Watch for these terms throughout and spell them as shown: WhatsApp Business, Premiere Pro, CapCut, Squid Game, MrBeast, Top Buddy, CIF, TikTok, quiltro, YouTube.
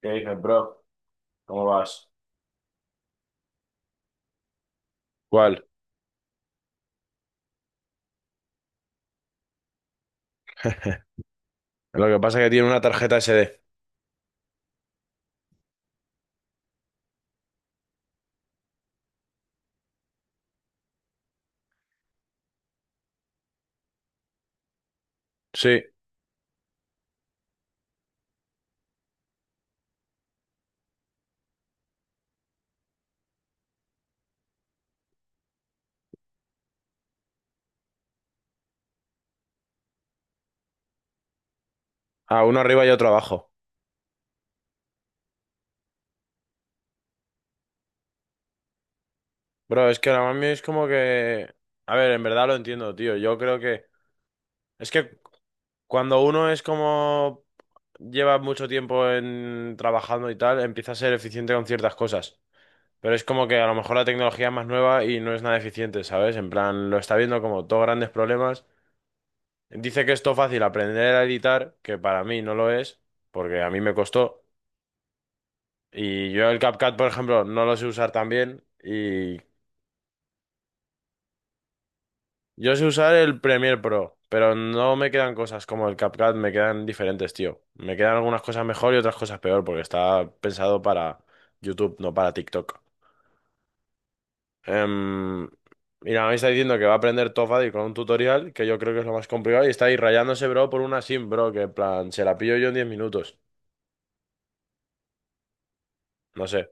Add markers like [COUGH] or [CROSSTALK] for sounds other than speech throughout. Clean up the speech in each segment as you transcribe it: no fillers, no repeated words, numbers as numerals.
¿Qué dices, bro? ¿Cómo vas? ¿Cuál? [LAUGHS] Lo que pasa es que tiene una tarjeta SD. Sí, a uno arriba y otro abajo. Bro, es que ahora mismo es como que... A ver, en verdad lo entiendo, tío. Yo creo que... Es que cuando uno es como... Lleva mucho tiempo en... trabajando y tal, empieza a ser eficiente con ciertas cosas. Pero es como que a lo mejor la tecnología es más nueva y no es nada eficiente, ¿sabes? En plan, lo está viendo como todos grandes problemas. Dice que es todo fácil aprender a editar, que para mí no lo es, porque a mí me costó. Y yo el CapCut, por ejemplo, no lo sé usar tan bien. Y yo sé usar el Premiere Pro, pero no me quedan cosas como el CapCut, me quedan diferentes, tío. Me quedan algunas cosas mejor y otras cosas peor, porque está pensado para YouTube, no para TikTok. Em, Mira, me está diciendo que va a aprender Top Buddy con un tutorial, que yo creo que es lo más complicado, y está ahí rayándose, bro, por una sim, bro, que en plan, se la pillo yo en 10 minutos. No sé,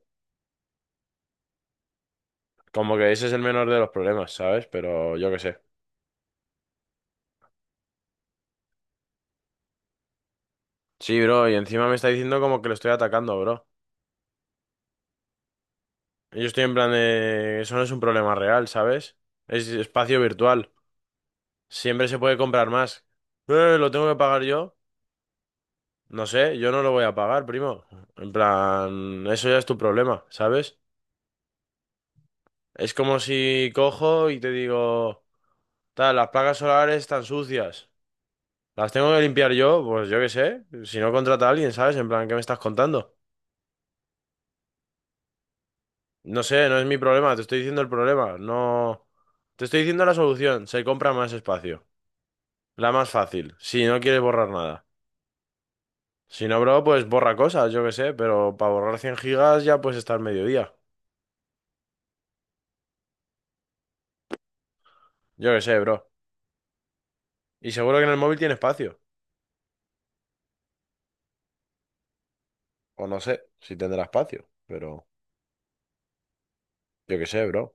como que ese es el menor de los problemas, ¿sabes? Pero yo qué sé. Sí, bro, y encima me está diciendo como que lo estoy atacando, bro. Yo estoy en plan de... Eso no es un problema real, ¿sabes? Es espacio virtual. Siempre se puede comprar más. ¿Lo tengo que pagar yo? No sé, yo no lo voy a pagar, primo. En plan, eso ya es tu problema, ¿sabes? Es como si cojo y te digo, tal, las placas solares están sucias. ¿Las tengo que limpiar yo? Pues yo qué sé. Si no, contrata a alguien, ¿sabes? En plan, ¿qué me estás contando? No sé, no es mi problema, te estoy diciendo el problema. No... Te estoy diciendo la solución, se compra más espacio. La más fácil, si no quieres borrar nada. Si no, bro, pues borra cosas, yo qué sé, pero para borrar 100 gigas ya puedes estar mediodía. Yo qué sé, bro. Y seguro que en el móvil tiene espacio. O no sé si tendrá espacio, pero yo qué sé, bro.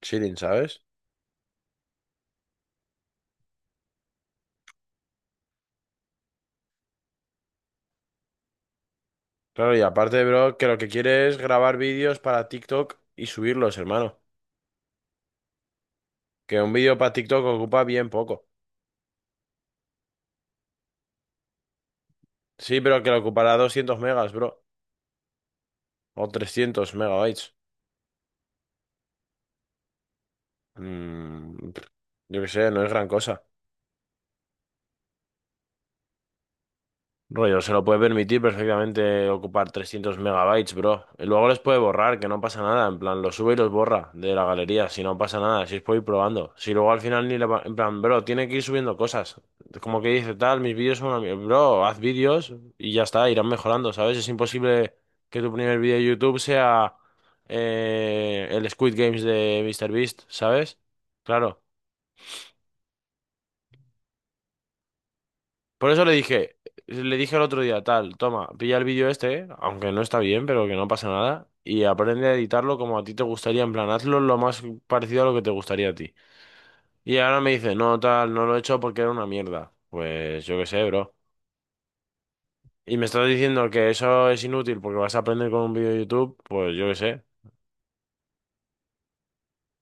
Chilling, ¿sabes? Claro, y aparte, bro, que lo que quiere es grabar vídeos para TikTok y subirlos, hermano. Que un vídeo para TikTok ocupa bien poco. Sí, pero que lo ocupará 200 megas, bro. O 300 megabytes. Mm, pff, yo qué sé, no es gran cosa. Rollo, se lo puede permitir perfectamente ocupar 300 megabytes, bro. Y luego les puede borrar, que no pasa nada. En plan, los sube y los borra de la galería. Si no, pasa nada, si es por ir probando. Si luego al final ni le va... En plan, bro, tiene que ir subiendo cosas. Como que dice tal, mis vídeos son una... mier- Bro, haz vídeos y ya está, irán mejorando, ¿sabes? Es imposible que tu primer vídeo de YouTube sea el Squid Games de MrBeast, ¿sabes? Claro. Por eso le dije el otro día, tal, toma, pilla el vídeo este, aunque no está bien, pero que no pasa nada, y aprende a editarlo como a ti te gustaría, en plan, hazlo lo más parecido a lo que te gustaría a ti. Y ahora me dice, no, tal, no lo he hecho porque era una mierda. Pues yo qué sé, bro. Y me estás diciendo que eso es inútil porque vas a aprender con un vídeo de YouTube, pues yo qué sé.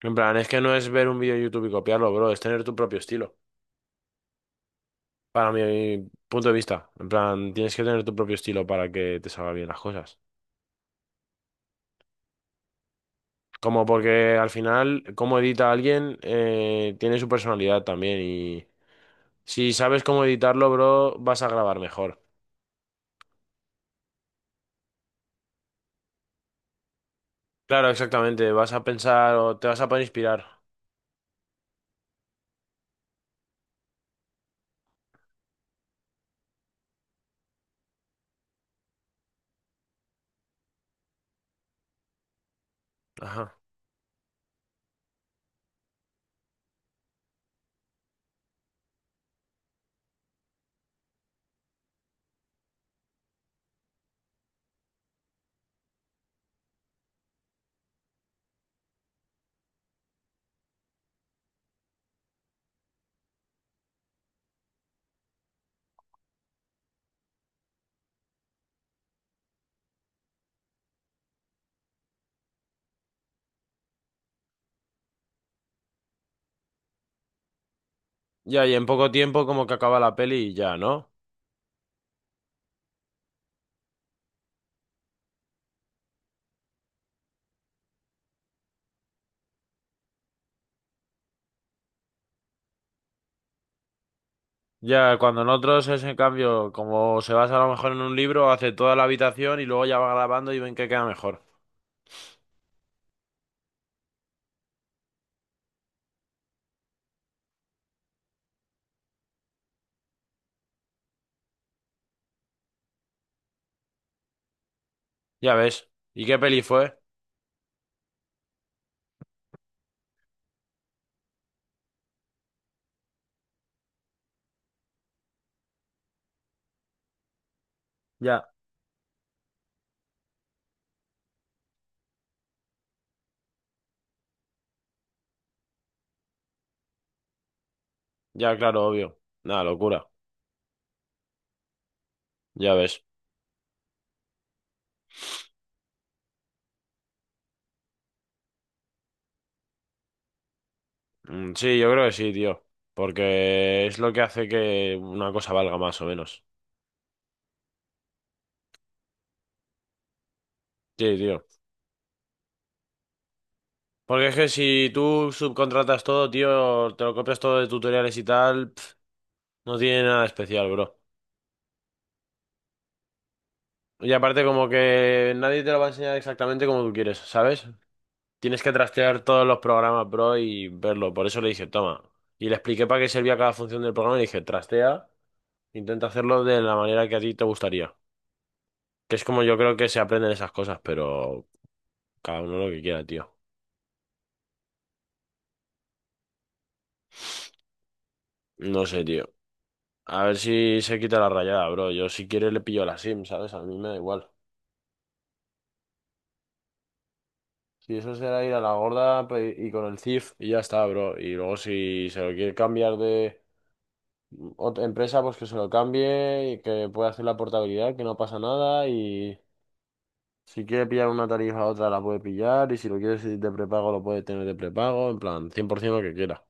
En plan, es que no es ver un vídeo de YouTube y copiarlo, bro, es tener tu propio estilo. Para mi punto de vista, en plan, tienes que tener tu propio estilo para que te salgan bien las cosas. Como porque al final, cómo edita alguien tiene su personalidad también. Y si sabes cómo editarlo, bro, vas a grabar mejor. Claro, exactamente. Vas a pensar o te vas a poder inspirar. Ajá. Ya, y en poco tiempo, como que acaba la peli y ya, ¿no? Ya, cuando en otros es en cambio, como se basa a lo mejor en un libro, hace toda la habitación y luego ya va grabando y ven que queda mejor. Ya ves. ¿Y qué peli fue? Ya. Ya, claro, obvio. Nada, locura. Ya ves. Sí, yo creo que sí, tío. Porque es lo que hace que una cosa valga más o menos. Sí, tío. Porque es que si tú subcontratas todo, tío, te lo copias todo de tutoriales y tal, pf, no tiene nada especial, bro. Y aparte como que nadie te lo va a enseñar exactamente como tú quieres, ¿sabes? Tienes que trastear todos los programas, bro, y verlo. Por eso le dije, toma. Y le expliqué para qué servía cada función del programa y le dije, trastea, intenta hacerlo de la manera que a ti te gustaría. Que es como yo creo que se aprenden esas cosas, pero... Cada uno lo que quiera, tío. No sé, tío. A ver si se quita la rayada, bro. Yo si quiere le pillo la SIM, ¿sabes? A mí me da igual. Si eso será ir a la gorda pe- y con el CIF y ya está, bro. Y luego si se lo quiere cambiar de otra empresa, pues que se lo cambie y que pueda hacer la portabilidad, que no pasa nada. Y si quiere pillar una tarifa a otra, la puede pillar. Y si lo quiere de prepago, lo puede tener de prepago. En plan, 100% lo que quiera.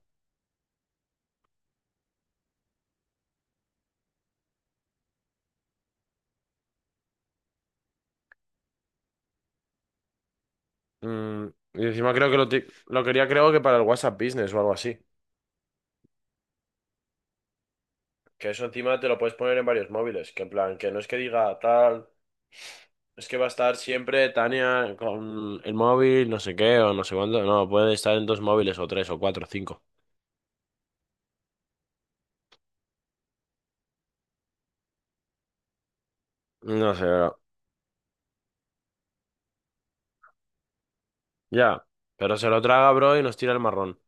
Mm, y encima creo que lo, ti- lo quería, creo que para el WhatsApp Business o algo así. Que eso encima te lo puedes poner en varios móviles, que en plan, que no es que diga tal, es que va a estar siempre Tania con el móvil, no sé qué, o no sé cuánto, no, puede estar en dos móviles, o tres, o cuatro, o cinco. No sé, bro. Ya, pero se lo traga, bro, y nos tira el marrón.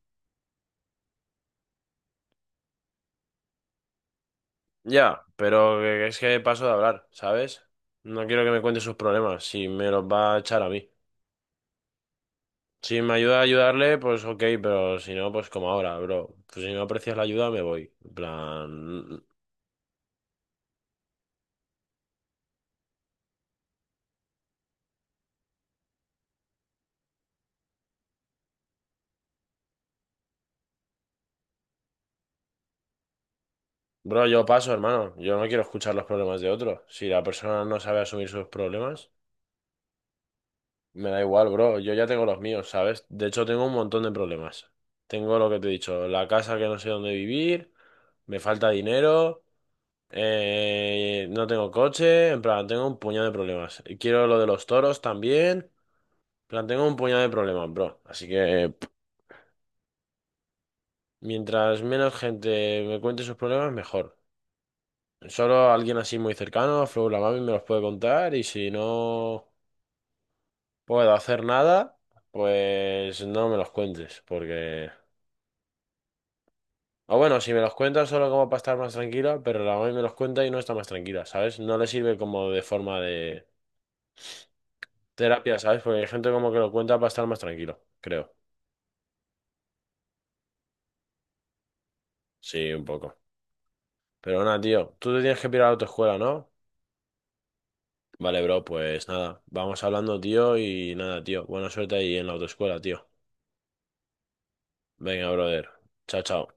Ya, pero que- es que paso de hablar, ¿sabes? No quiero que me cuente sus problemas, si me los va a echar a mí. Si me ayuda a ayudarle, pues ok, pero si no, pues como ahora, bro. Pues si no aprecias la ayuda, me voy. En plan, bro, yo paso, hermano. Yo no quiero escuchar los problemas de otros. Si la persona no sabe asumir sus problemas, me da igual, bro. Yo ya tengo los míos, ¿sabes? De hecho, tengo un montón de problemas. Tengo lo que te he dicho, la casa que no sé dónde vivir, me falta dinero, no tengo coche, en plan, tengo un puñado de problemas. Quiero lo de los toros también, en plan, tengo un puñado de problemas, bro. Así que, pff, mientras menos gente me cuente sus problemas, mejor. Solo alguien así muy cercano, Flow la mami, me los puede contar y si no, puedo hacer nada, pues no me los cuentes, porque... O bueno, si me los cuentas solo como para estar más tranquila, pero la mami me los cuenta y no está más tranquila, ¿sabes? No le sirve como de forma de terapia, ¿sabes? Porque hay gente como que lo cuenta para estar más tranquilo, creo. Sí, un poco. Pero nada, tío, tú te tienes que pirar a tu escuela, ¿no? Vale, bro, pues nada, vamos hablando, tío, y nada, tío. Buena suerte ahí en la autoescuela, tío. Venga, brother. Chao, chao.